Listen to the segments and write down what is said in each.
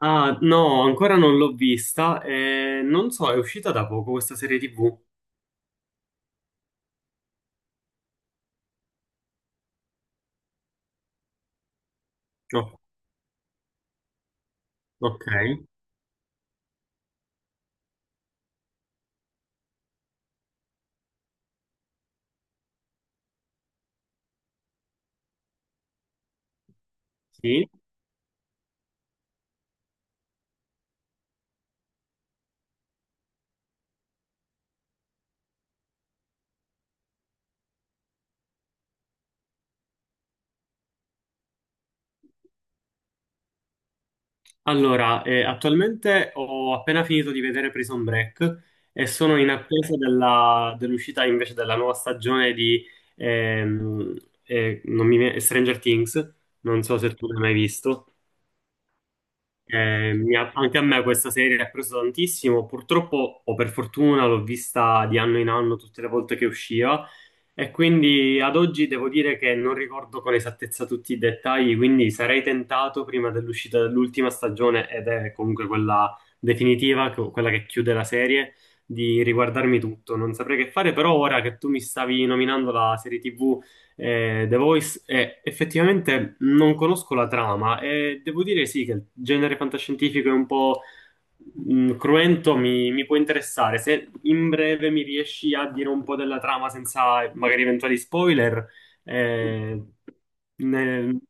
Ah, no, ancora non l'ho vista. Non so, è uscita da poco questa serie TV. No, ok, sì. Allora, attualmente ho appena finito di vedere Prison Break e sono in attesa dell'uscita invece della nuova stagione di ehm, non mi viene- Stranger Things. Non so se tu l'hai mai visto. Anche a me questa serie ha preso tantissimo, purtroppo o per fortuna l'ho vista di anno in anno tutte le volte che usciva e quindi ad oggi devo dire che non ricordo con esattezza tutti i dettagli, quindi sarei tentato prima dell'uscita dell'ultima stagione, ed è comunque quella definitiva, quella che chiude la serie, di riguardarmi tutto. Non saprei che fare, però ora che tu mi stavi nominando la serie TV, The Voice, effettivamente non conosco la trama e devo dire sì che il genere fantascientifico è un po' cruento, mi può interessare. Se in breve mi riesci a dire un po' della trama senza magari eventuali spoiler, eh, ne-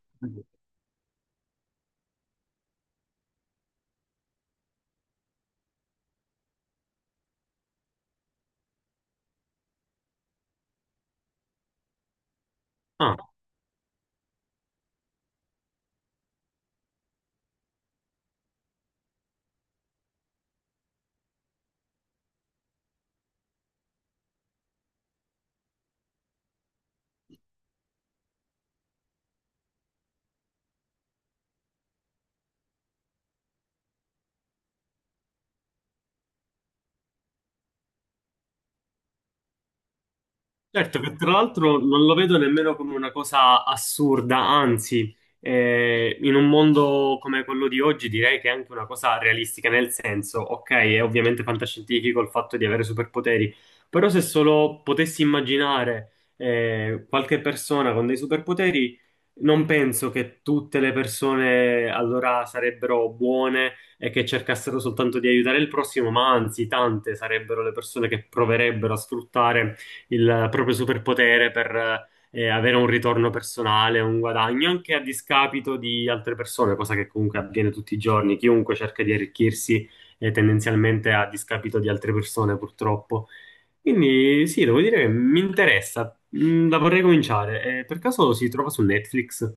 ah, certo che tra l'altro non lo vedo nemmeno come una cosa assurda, anzi, in un mondo come quello di oggi direi che è anche una cosa realistica, nel senso, ok, è ovviamente fantascientifico il fatto di avere superpoteri, però se solo potessi immaginare qualche persona con dei superpoteri, non penso che tutte le persone allora sarebbero buone e che cercassero soltanto di aiutare il prossimo, ma anzi, tante sarebbero le persone che proverebbero a sfruttare il proprio superpotere per avere un ritorno personale, un guadagno, anche a discapito di altre persone, cosa che comunque avviene tutti i giorni. Chiunque cerca di arricchirsi tendenzialmente a discapito di altre persone, purtroppo. Quindi sì, devo dire che mi interessa. Mm, la vorrei cominciare. Per caso si trova su Netflix?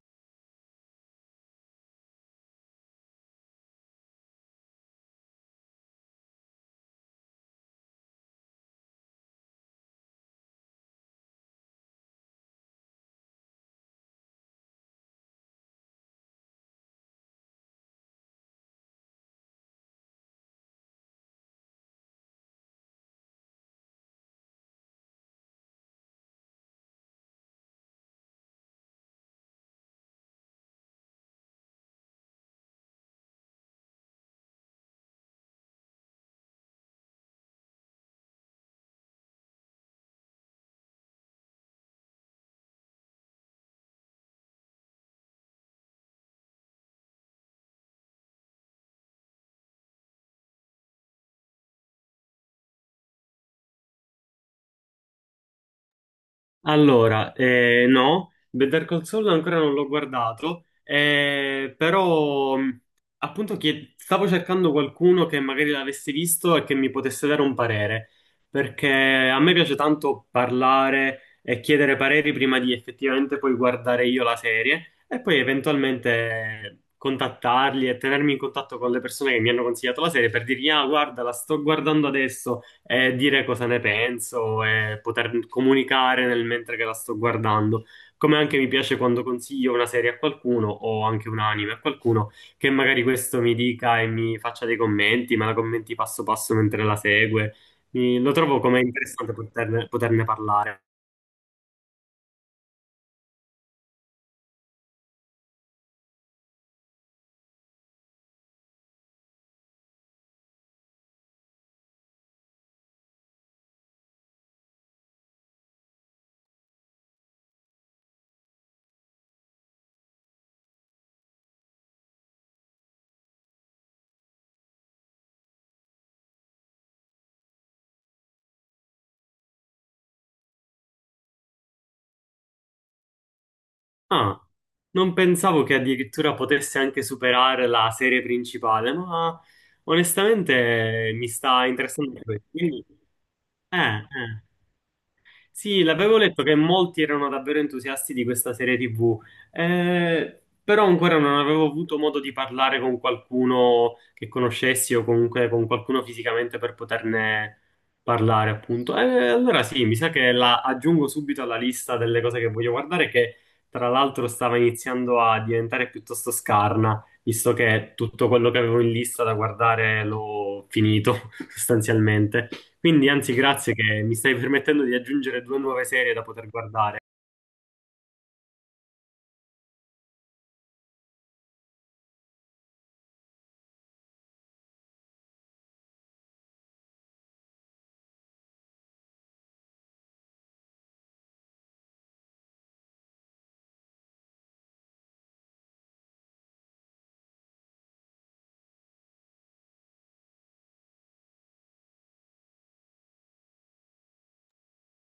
Allora, no, Better Call Saul ancora non l'ho guardato, però stavo cercando qualcuno che magari l'avesse visto e che mi potesse dare un parere, perché a me piace tanto parlare e chiedere pareri prima di effettivamente poi guardare io la serie e poi eventualmente contattarli e tenermi in contatto con le persone che mi hanno consigliato la serie per dirgli, ah, guarda, la sto guardando adesso e dire cosa ne penso e poter comunicare nel mentre che la sto guardando. Come anche mi piace quando consiglio una serie a qualcuno o anche un anime a qualcuno che magari questo mi dica e mi faccia dei commenti, ma la commenti passo passo mentre la segue. Lo trovo come interessante poterne parlare. Ah, non pensavo che addirittura potesse anche superare la serie principale, ma onestamente mi sta interessando anche questo. Quindi, eh, eh. Sì, l'avevo letto che molti erano davvero entusiasti di questa serie TV, però ancora non avevo avuto modo di parlare con qualcuno che conoscessi o comunque con qualcuno fisicamente per poterne parlare, appunto. Allora sì, mi sa che la aggiungo subito alla lista delle cose che voglio guardare, che tra l'altro stava iniziando a diventare piuttosto scarna, visto che tutto quello che avevo in lista da guardare l'ho finito sostanzialmente. Quindi, anzi, grazie che mi stai permettendo di aggiungere due nuove serie da poter guardare.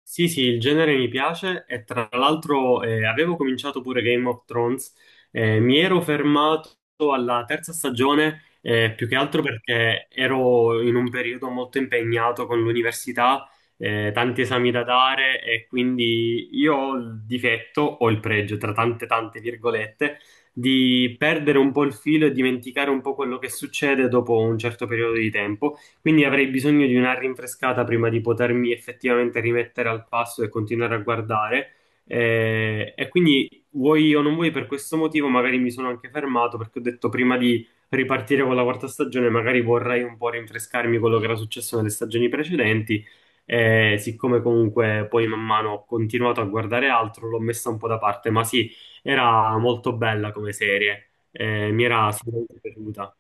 Sì, sì, il genere mi piace e tra l'altro avevo cominciato pure Game of Thrones, mi ero fermato alla terza stagione, più che altro perché ero in un periodo molto impegnato con l'università, tanti esami da dare e quindi io ho il difetto, o il pregio, tra tante tante virgolette, di perdere un po' il filo e dimenticare un po' quello che succede dopo un certo periodo di tempo. Quindi avrei bisogno di una rinfrescata prima di potermi effettivamente rimettere al passo e continuare a guardare. E quindi vuoi o non vuoi, per questo motivo magari mi sono anche fermato perché ho detto prima di ripartire con la quarta stagione, magari vorrei un po' rinfrescarmi quello che era successo nelle stagioni precedenti. Siccome comunque poi man mano ho continuato a guardare altro, l'ho messa un po' da parte, ma sì, era molto bella come serie. Mi era sicuramente piaciuta.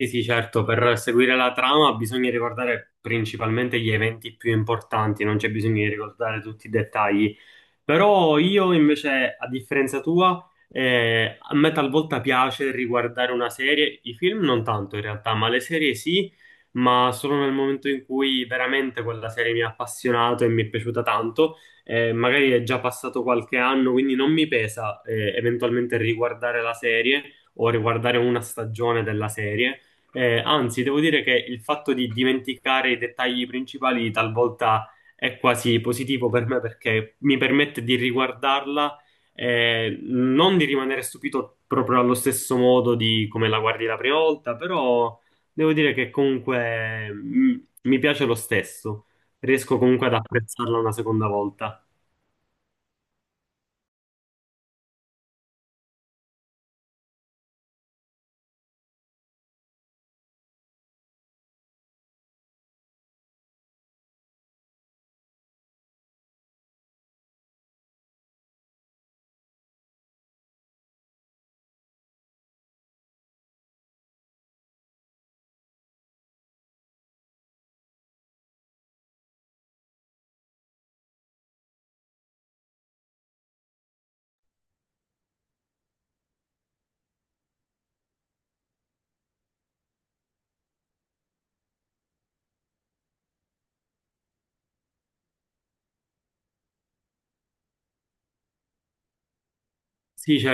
Sì, sì, certo, per seguire la trama bisogna ricordare principalmente gli eventi più importanti, non c'è bisogno di ricordare tutti i dettagli. Però io invece, a differenza tua, a me talvolta piace riguardare una serie, i film non tanto in realtà, ma le serie sì, ma solo nel momento in cui veramente quella serie mi ha appassionato e mi è piaciuta tanto. Magari è già passato qualche anno, quindi non mi pesa, eventualmente riguardare la serie o riguardare una stagione della serie. Anzi, devo dire che il fatto di dimenticare i dettagli principali talvolta è quasi positivo per me perché mi permette di riguardarla e non di rimanere stupito proprio allo stesso modo di come la guardi la prima volta, però devo dire che comunque mm, mi piace lo stesso, riesco comunque ad apprezzarla una seconda volta. Sì, ce